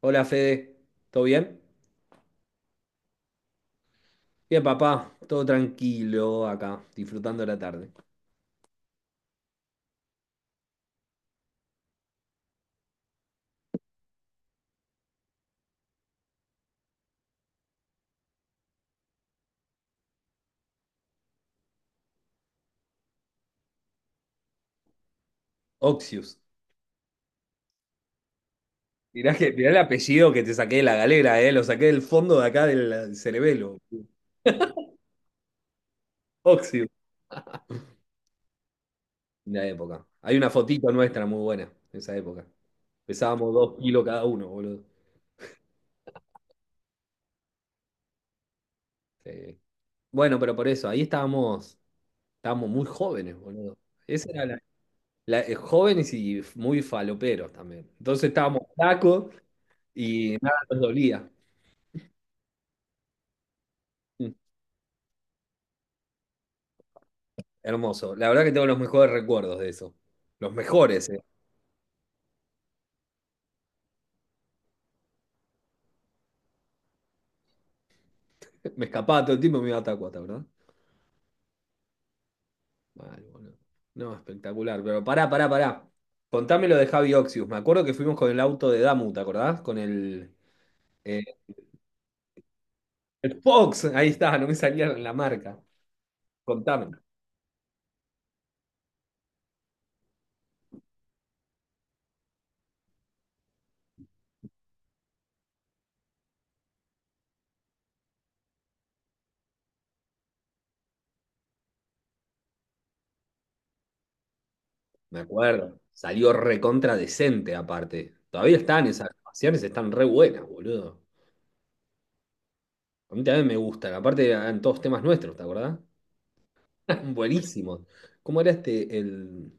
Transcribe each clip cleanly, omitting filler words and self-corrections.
Hola Fede, ¿todo bien? Bien, papá, todo tranquilo acá, disfrutando la tarde. Oxius. Mirá el apellido que te saqué de la galera, lo saqué del fondo de acá del cerebelo. Oxius. Una época. Hay una fotito nuestra muy buena de esa época. Pesábamos 2 kilos cada uno, boludo. Sí. Bueno, pero por eso, ahí estábamos muy jóvenes, boludo. Esa era jóvenes y muy faloperos también. Entonces estábamos flacos y nada nos dolía. Hermoso. La verdad que tengo los mejores recuerdos de eso. Los mejores, eh. Me escapaba todo el tiempo y me iba a Tacuata, ¿verdad? Mal, boludo. No, espectacular. Pero pará, pará, pará. Contame lo de Javi Oxius. Me acuerdo que fuimos con el auto de Damu, ¿te acordás? Con el, eh, el Fox. Ahí está, no me salía la marca. Contame. Me acuerdo. Salió recontra decente, aparte. Todavía están esas grabaciones, están re buenas, boludo. A mí también me gustan. Aparte, eran todos temas nuestros, ¿te acordás? Buenísimos. ¿Cómo era este, el?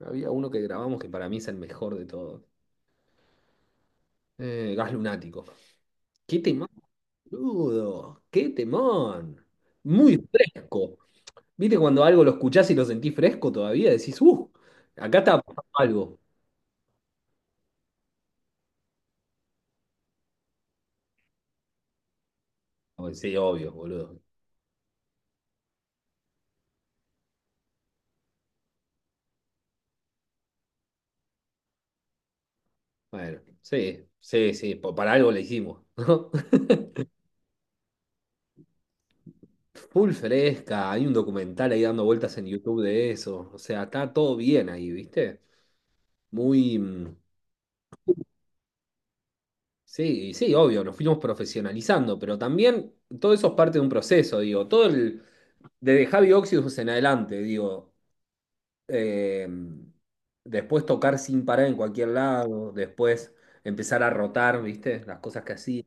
Había uno que grabamos que para mí es el mejor de todos. Gas Lunático. ¡Qué temón, boludo! ¡Qué temón! Muy fresco. ¿Viste cuando algo lo escuchás y lo sentís fresco todavía? Decís, ¡uh! Acá está pasando algo. Bueno, sí, obvio, boludo. Bueno, sí, sí, sí. Para algo le hicimos, ¿no? Full fresca. Hay un documental ahí dando vueltas en YouTube de eso. O sea, está todo bien ahí, ¿viste? Muy. mm, Sí, sí, obvio, nos fuimos profesionalizando, pero también todo eso es parte de un proceso, digo, desde Javi Oxidus en adelante, digo, eh, después tocar sin parar en cualquier lado, después empezar a rotar, ¿viste? Las cosas que hacía.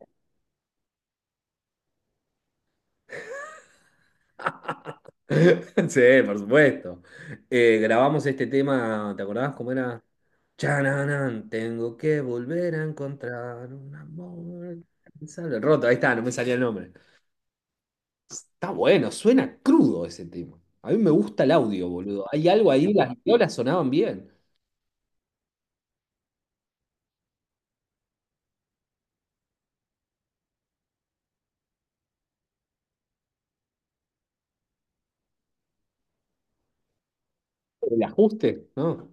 Sí, por supuesto. Grabamos este tema, ¿te acordabas cómo era? Chananan, tengo que volver a encontrar un amor. Rota, ahí está, no me salía el nombre. Está bueno, suena crudo ese tema. A mí me gusta el audio, boludo. Hay algo ahí, las violas sonaban bien. El ajuste, ¿no?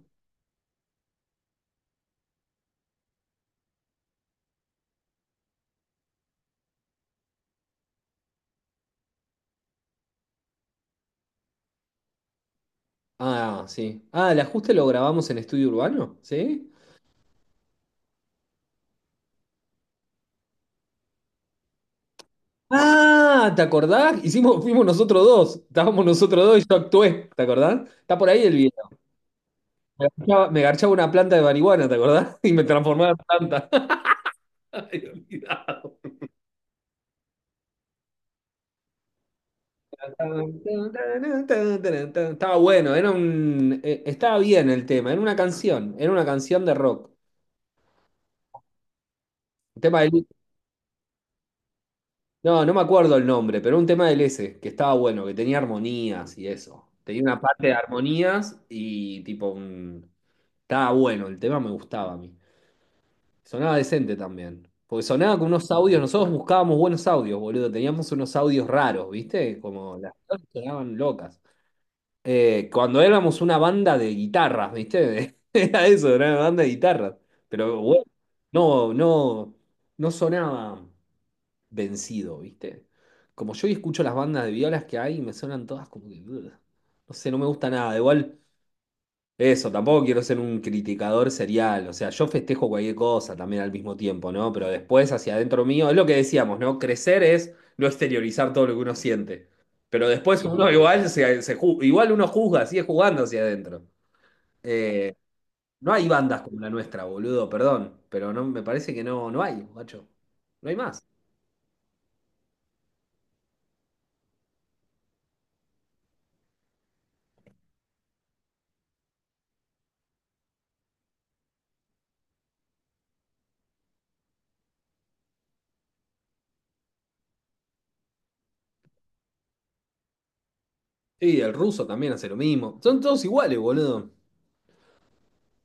Ah, sí. Ah, el ajuste lo grabamos en estudio urbano, ¿sí? Ah, ¿te acordás? Fuimos nosotros dos. Estábamos nosotros dos y yo actué, ¿te acordás? Está por ahí el video. Ya me garchaba una planta de marihuana, ¿te acordás? Y me transformaba en planta. Ay, olvidado. Estaba bueno, estaba bien el tema, era una canción de rock. Un tema del- No, no me acuerdo el nombre, pero un tema del ese, que estaba bueno, que tenía armonías y eso. Tenía una parte de armonías y tipo un... Estaba bueno, el tema me gustaba a mí. Sonaba decente también. Porque sonaba con unos audios, nosotros buscábamos buenos audios, boludo. Teníamos unos audios raros, ¿viste? Como las cosas sonaban locas. Cuando éramos una banda de guitarras, ¿viste? Era eso, era una banda de guitarras. Pero bueno, no, no, no sonaba vencido, ¿viste? Como yo hoy escucho las bandas de violas que hay, me suenan todas como que no sé, no me gusta nada. Igual, eso, tampoco quiero ser un criticador serial. O sea, yo festejo cualquier cosa también al mismo tiempo, ¿no? Pero después, hacia adentro mío, es lo que decíamos, ¿no? Crecer es no exteriorizar todo lo que uno siente. Pero después uno igual igual uno juzga, sigue jugando hacia adentro. Eh, no hay bandas como la nuestra, boludo, perdón. Pero no, me parece que no, no hay, macho. No hay más. Y el ruso también hace lo mismo. Son todos iguales, boludo.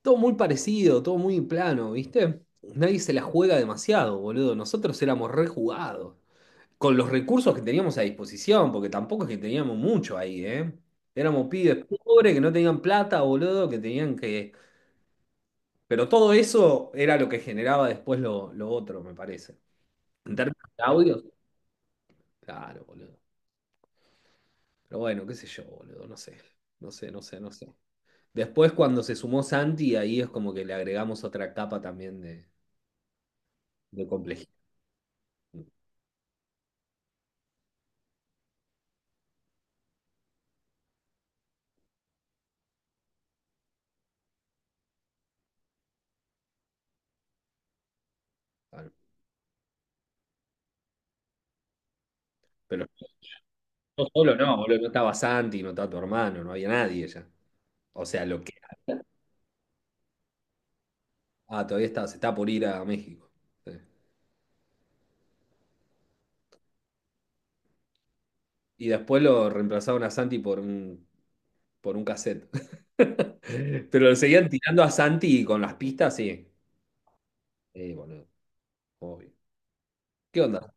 Todo muy parecido, todo muy plano, ¿viste? Nadie se la juega demasiado, boludo. Nosotros éramos rejugados. Con los recursos que teníamos a disposición, porque tampoco es que teníamos mucho ahí, ¿eh? Éramos pibes pobres que no tenían plata, boludo, que tenían que... Pero todo eso era lo que generaba después lo otro, me parece. En términos de audio, claro, boludo. Pero bueno, qué sé yo, boludo, no sé. No sé, no sé, no sé. Después, cuando se sumó Santi, ahí es como que le agregamos otra capa también de complejidad. Claro. Pero yo solo no, boludo, no estaba Santi, no estaba tu hermano, no había nadie ya. O sea, lo que... Ah, todavía está, se está por ir a México. Sí. Y después lo reemplazaron a Santi por un, cassette. Pero lo seguían tirando a Santi con las pistas, sí. Boludo, obvio. ¿Qué onda?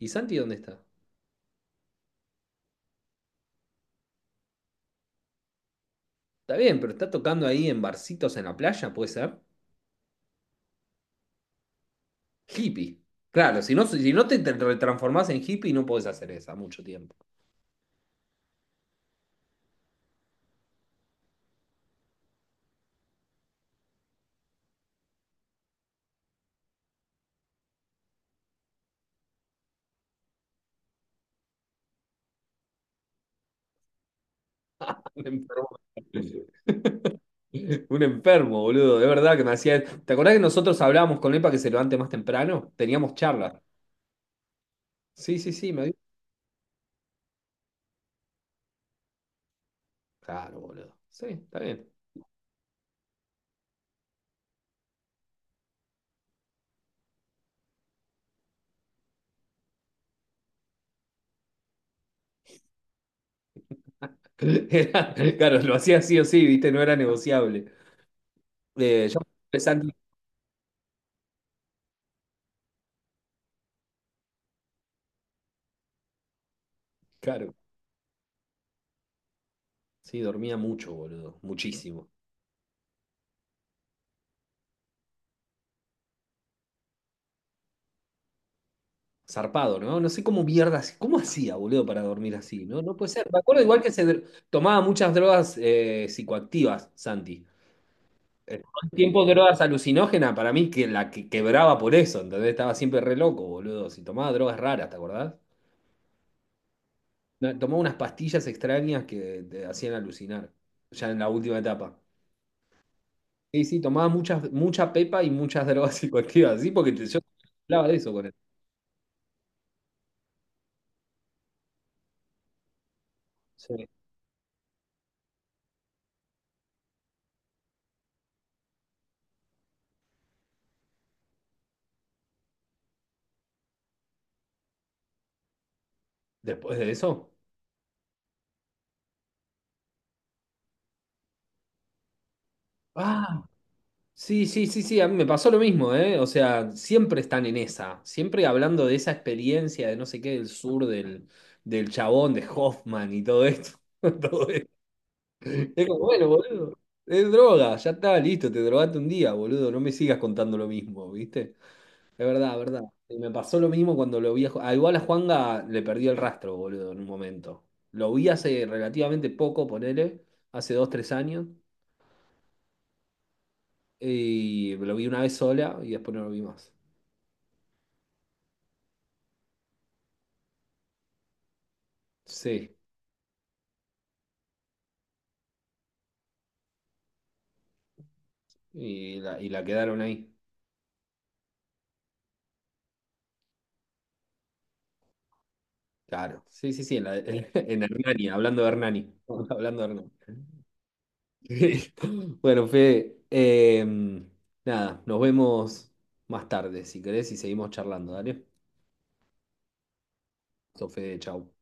¿Y Santi dónde está? Está bien, pero está tocando ahí en barcitos en la playa, ¿puede ser? Hippie. Claro, si no te retransformás en hippie, no podés hacer esa mucho tiempo. Un enfermo. Un enfermo, boludo. De verdad que me hacía. ¿Te acordás que nosotros hablábamos con él para que se levante más temprano? Teníamos charlas. Sí, sí, sí, me dijo. Claro, boludo. Sí, está bien. Claro, lo hacía sí o sí, ¿viste? No era negociable. Eh, yo, Santi, claro, sí, dormía mucho, boludo, muchísimo. Zarpado, ¿no? No sé cómo mierdas, cómo hacía, boludo, para dormir así, ¿no? No puede ser. Me acuerdo igual que tomaba muchas drogas psicoactivas, Santi. Todo el tiempo drogas alucinógenas, para mí que la que quebraba por eso, ¿entendés? Estaba siempre re loco, boludo. Si tomaba drogas raras, ¿te acordás? No, tomaba unas pastillas extrañas que te hacían alucinar, ya en la última etapa. Sí, sí, tomaba muchas, mucha pepa y muchas drogas psicoactivas, sí, porque yo hablaba de eso con él. Sí. Después de eso. Ah, sí, sí, sí, sí, a mí me pasó lo mismo, ¿eh? O sea, siempre están en esa, siempre hablando de esa experiencia de no sé qué del sur, del chabón, de Hoffman y todo esto. Todo esto. Es como, bueno, boludo, es droga, ya está, listo, te drogaste un día, boludo, no me sigas contando lo mismo, ¿viste? Es verdad, es verdad. Y me pasó lo mismo cuando lo vi a... igual a Juanga le perdió el rastro, boludo, en un momento. Lo vi hace relativamente poco, ponele, hace 2, 3 años. Y lo vi una vez sola y después no lo vi más. Sí, y la quedaron ahí. Claro, sí, sí, sí, en Hernani, hablando de Hernani. Hablando de Hernani. Bueno, Fede, nada, nos vemos más tarde, si querés, y seguimos charlando, ¿dale? Sofe chau.